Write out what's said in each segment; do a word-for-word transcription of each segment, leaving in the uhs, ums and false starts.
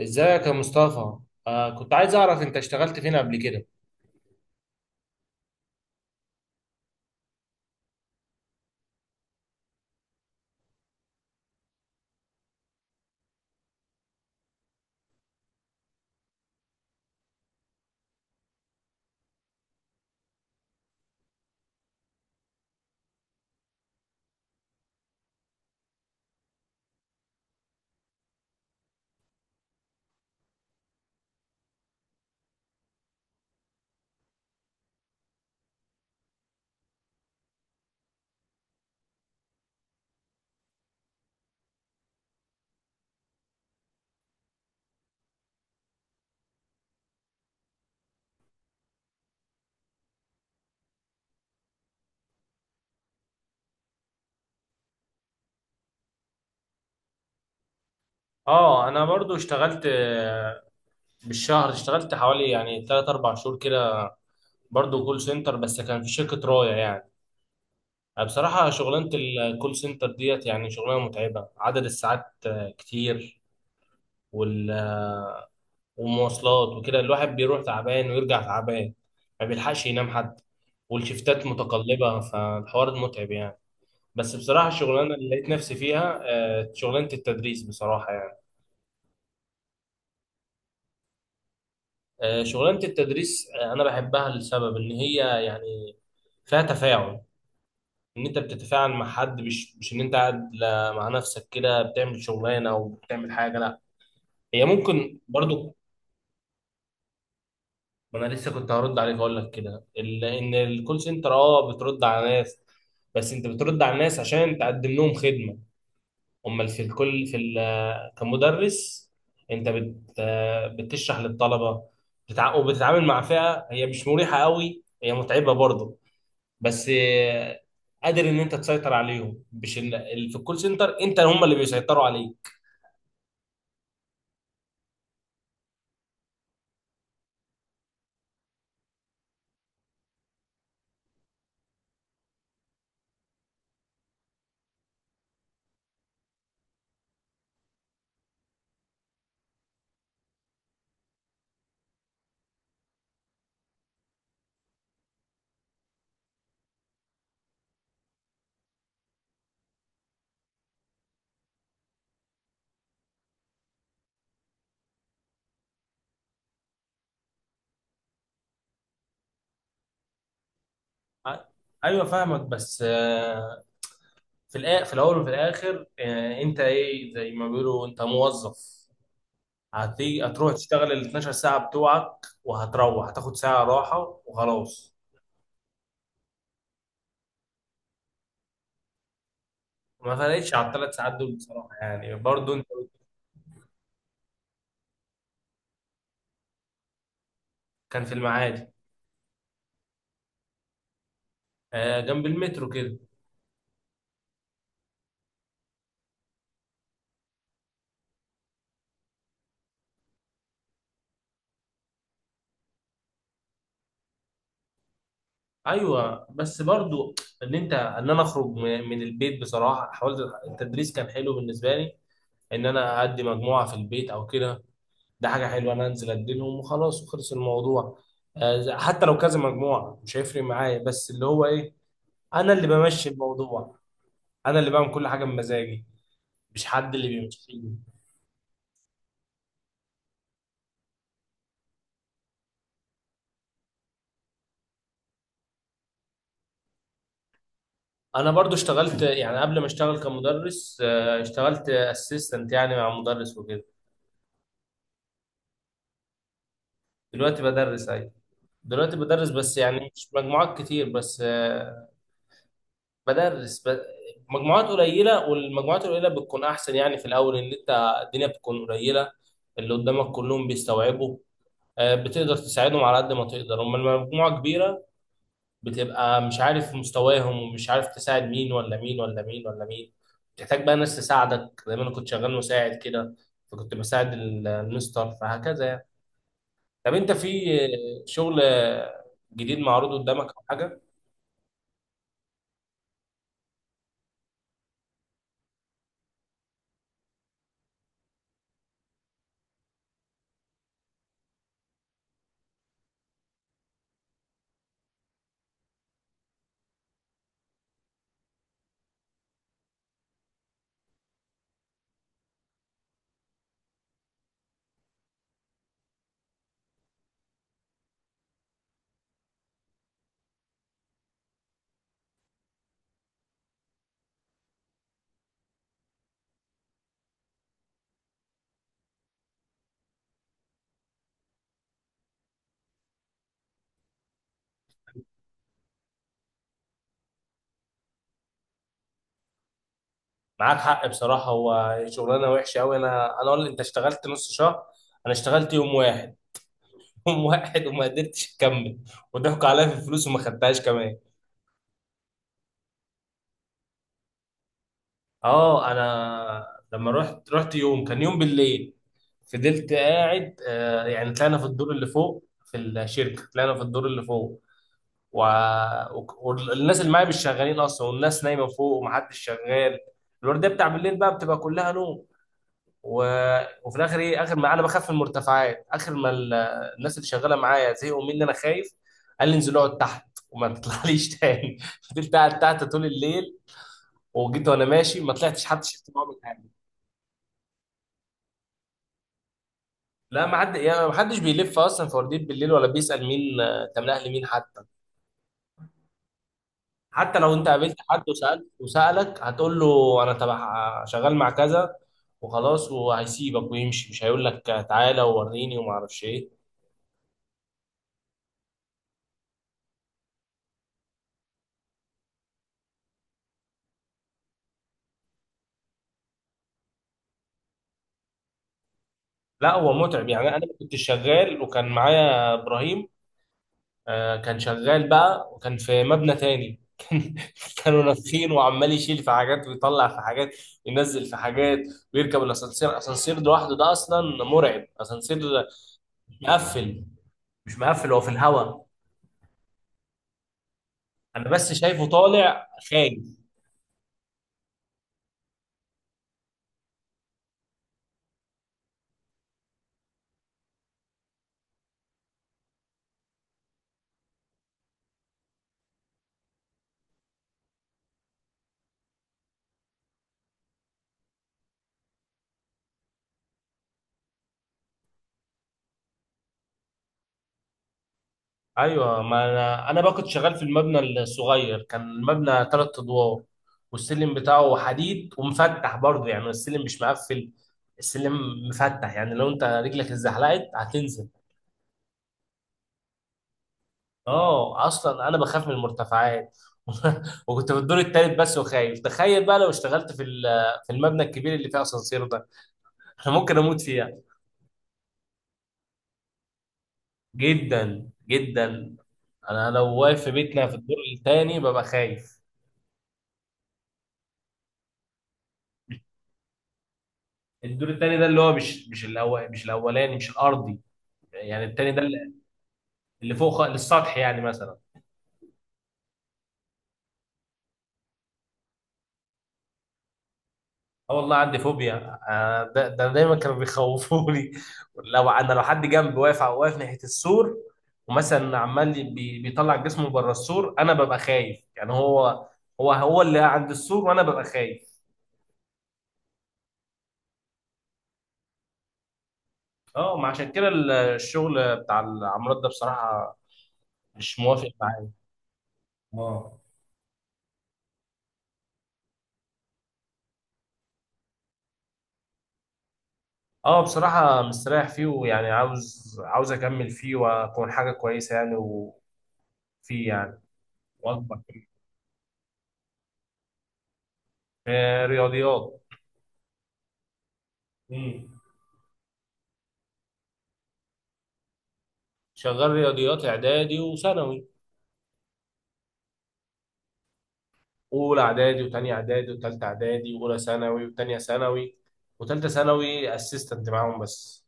ازيك يا مصطفى؟ آه كنت عايز اعرف انت اشتغلت فين قبل كده؟ اه، انا برضو اشتغلت. آه، بالشهر اشتغلت حوالي يعني تلات أربعة شهور كده، برضو كول سنتر، بس كان في شركة راية يعني. أنا بصراحة شغلانة الكول سنتر ديت يعني شغلانة متعبة، عدد الساعات آه، كتير، وال- والمواصلات وكده، الواحد بيروح تعبان ويرجع تعبان، ما بيلحقش ينام حد، والشفتات متقلبة، فالحوار متعب يعني. بس بصراحة الشغلانة اللي لقيت نفسي فيها آه، شغلانة التدريس بصراحة يعني. آه، شغلانة التدريس. آه، أنا بحبها لسبب إن هي يعني فيها تفاعل. ان انت بتتفاعل مع حد، مش مش ان انت قاعد لا- مع نفسك كده بتعمل شغلانه او بتعمل حاجه. هي ممكن برضو. ما انا لسه كنت هرد عليك، اقول لك كده ال- ان الكول سنتر اه بترد على ناس، بس انت بترد على الناس عشان تقدم لهم خدمه. امال في الكل في ال- كمدرس، انت بت بتشرح للطلبه، بتع... وبتتعامل مع فئه هي مش مريحه قوي، هي متعبه برضو، بس آه، قادر ان انت تسيطر عليهم، مش ال- ال- في الكول سنتر انت هم اللي بيسيطروا عليك. ع- ايوه فاهمك، بس في الآ... في الاول وفي الاخر آه، انت ايه، زي ما بيقولوا انت موظف، هتيجي هتروح تشتغل ال اتناشر ساعه بتوعك، وهتروح هتاخد ساعه راحه وخلاص. ما فرقتش على الثلاث ساعات دول بصراحه يعني، برضو انت. كان في المعادي، آه، جنب المترو كده. ايوه بس برضو، ان انت ان انا اخرج م- من البيت. بصراحه حاولت التدريس، كان حلو بالنسبه لي، ان انا ادي مجموعه في البيت او كده، ده حاجه حلوه. انا انزل اديلهم وخلاص، وخلص الموضوع. آه، حتى لو كذا مجموعه مش هيفرق معايا، بس اللي هو ايه، انا اللي بمشي الموضوع، انا اللي بعمل كل حاجه بمزاجي، مش حد اللي بيمشيني. انا برضو اشتغلت يعني قبل ما اشتغل كمدرس، آه، اشتغلت اسيستنت يعني مع مدرس وكده. دلوقتي بدرس، ايوه. دلوقتي بدرس، بس يعني مش مجموعات كتير، بس آه، بدرس ب... مجموعات قليله، والمجموعات القليله بتكون احسن يعني. في الاول ان انت الدنيا بتكون قليله، اللي قدامك كلهم بيستوعبوا، آه، بتقدر تساعدهم على قد ما تقدر. اما المجموعه كبيره، بتبقى مش عارف مستواهم، ومش عارف تساعد مين ولا مين ولا مين ولا مين، بتحتاج بقى ناس تساعدك، زي ما انا كنت شغال مساعد كده، فكنت بساعد ال- المستر، فهكذا يعني. طب انت في شغل جديد معروض قدامك او حاجه؟ معاك حق بصراحة، هو شغلانة وحشة أوي. أنا أنا أقول لي أنت اشتغلت نص شهر، أنا اشتغلت يوم واحد. يوم واحد، وما قدرتش أكمل، وضحكوا عليا في الفلوس، وما خدتهاش كمان. أه، أنا لما رحت، رحت يوم، كان يوم بالليل، فضلت قاعد. آه، يعني طلعنا في الدور اللي فوق، في الشركة طلعنا في الدور اللي فوق، و... وك- والناس اللي معايا مش شغالين أصلا، والناس نايمة فوق، ومحدش شغال. الوردية بتاع بالليل بقى بتبقى كلها نوم، و... وفي الاخر ايه، اخر ما انا بخاف من المرتفعات، اخر ما ال... الناس اللي شغاله معايا زهقوا مني انا خايف، قال لي انزل اقعد تحت وما تطلعليش تاني. فضلت قاعد تحت طول الليل، وجيت وانا ماشي ما طلعتش، حتى شفت بعض حاجه. لا، ما حد يعني، ما حدش بيلف اصلا في ورديه بالليل، ولا بيسال مين، آه، انت من اهل مين حتى، حتى لو انت قابلت حد وسالت، وسالك، هتقول له انا تبع شغال مع كذا، وخلاص وهيسيبك ويمشي، مش هيقول لك تعالى ووريني وما اعرفش ايه. لا، هو متعب يعني. انا كنت شغال وكان معايا ابراهيم، آه، كان شغال بقى، وكان في مبنى تاني. كانوا نافخين وعمال يشيل في حاجات، ويطلع في حاجات، ينزل في حاجات، ويركب الاسانسير. اسانسير لوحده ده اصلا مرعب، اسانسير مش مقفل، مش مقفل، هو في الهواء. انا بس شايفه طالع خايف. ايوه، ما انا انا بقى كنت شغال في المبنى الصغير، كان المبنى ثلاث ادوار، والسلم بتاعه حديد ومفتح برضه، يعني السلم مش مقفل، السلم مفتح، يعني لو انت رجلك اتزحلقت هتنزل. اه اصلا انا بخاف من المرتفعات. وكنت في الدور التالت بس وخايف، تخيل بقى لو اشتغلت في ال- في المبنى الكبير اللي فيه اسانسير ده. انا ممكن اموت فيها. جدا جدا، انا لو واقف في بيتنا في الدور التاني ببقى خايف. الدور التاني ده اللي هو مش مش الأول، مش الأولاني، مش الأرضي، يعني التاني ده اللي اللي فوق خ- للسطح يعني مثلا. اه والله عندي فوبيا. آه، ده, ده دايما كانوا بيخوفوني. لو انا لو حد جنبي واقف، واقف ناحية السور، ومثلا عمال بي- بيطلع جسمه بره السور، انا ببقى خايف، يعني هو، هو هو اللي عند السور، وانا ببقى خايف. اه، ما عشان كده ال- الشغل بتاع العمارات ده بصراحة مش موافق معايا. اه، اه بصراحة مستريح فيه، ويعني عاوز، عاوز أكمل فيه وأكون حاجة كويسة يعني، وفيه يعني، وأكبر فيه. آه رياضيات. مم. شغال رياضيات إعدادي وثانوي. أولى إعدادي وتانية إعدادي وتالتة إعدادي وأولى ثانوي وتانية ثانوي وتالتة ثانوي أسيستنت معاهم بس.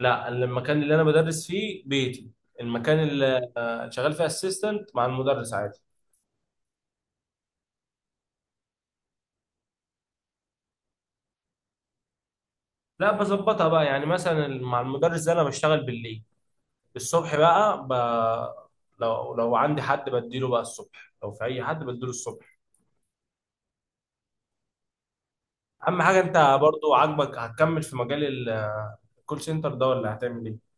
لا، المكان اللي أنا بدرس فيه بيتي، المكان اللي آه، شغال فيه أسيستنت مع المدرس عادي. لا، بظبطها بقى، يعني مثلا مع المدرس ده أنا بشتغل بالليل، الصبح بقى ب... لو لو عندي حد بديله بقى الصبح، لو في اي حد بديله الصبح. اهم حاجه انت برضو عاجبك، هتكمل في مجال الكول سنتر ده، ولا هتعمل ايه؟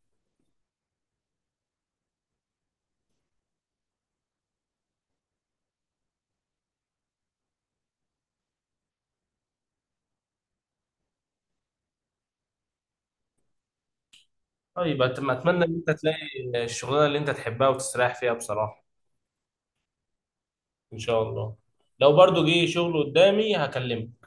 طيب، أت- اتمنى ان انت تلاقي الشغلانه اللي انت تحبها وتستريح فيها بصراحه. ان شاء الله. لو برضو جه شغل قدامي هكلمك.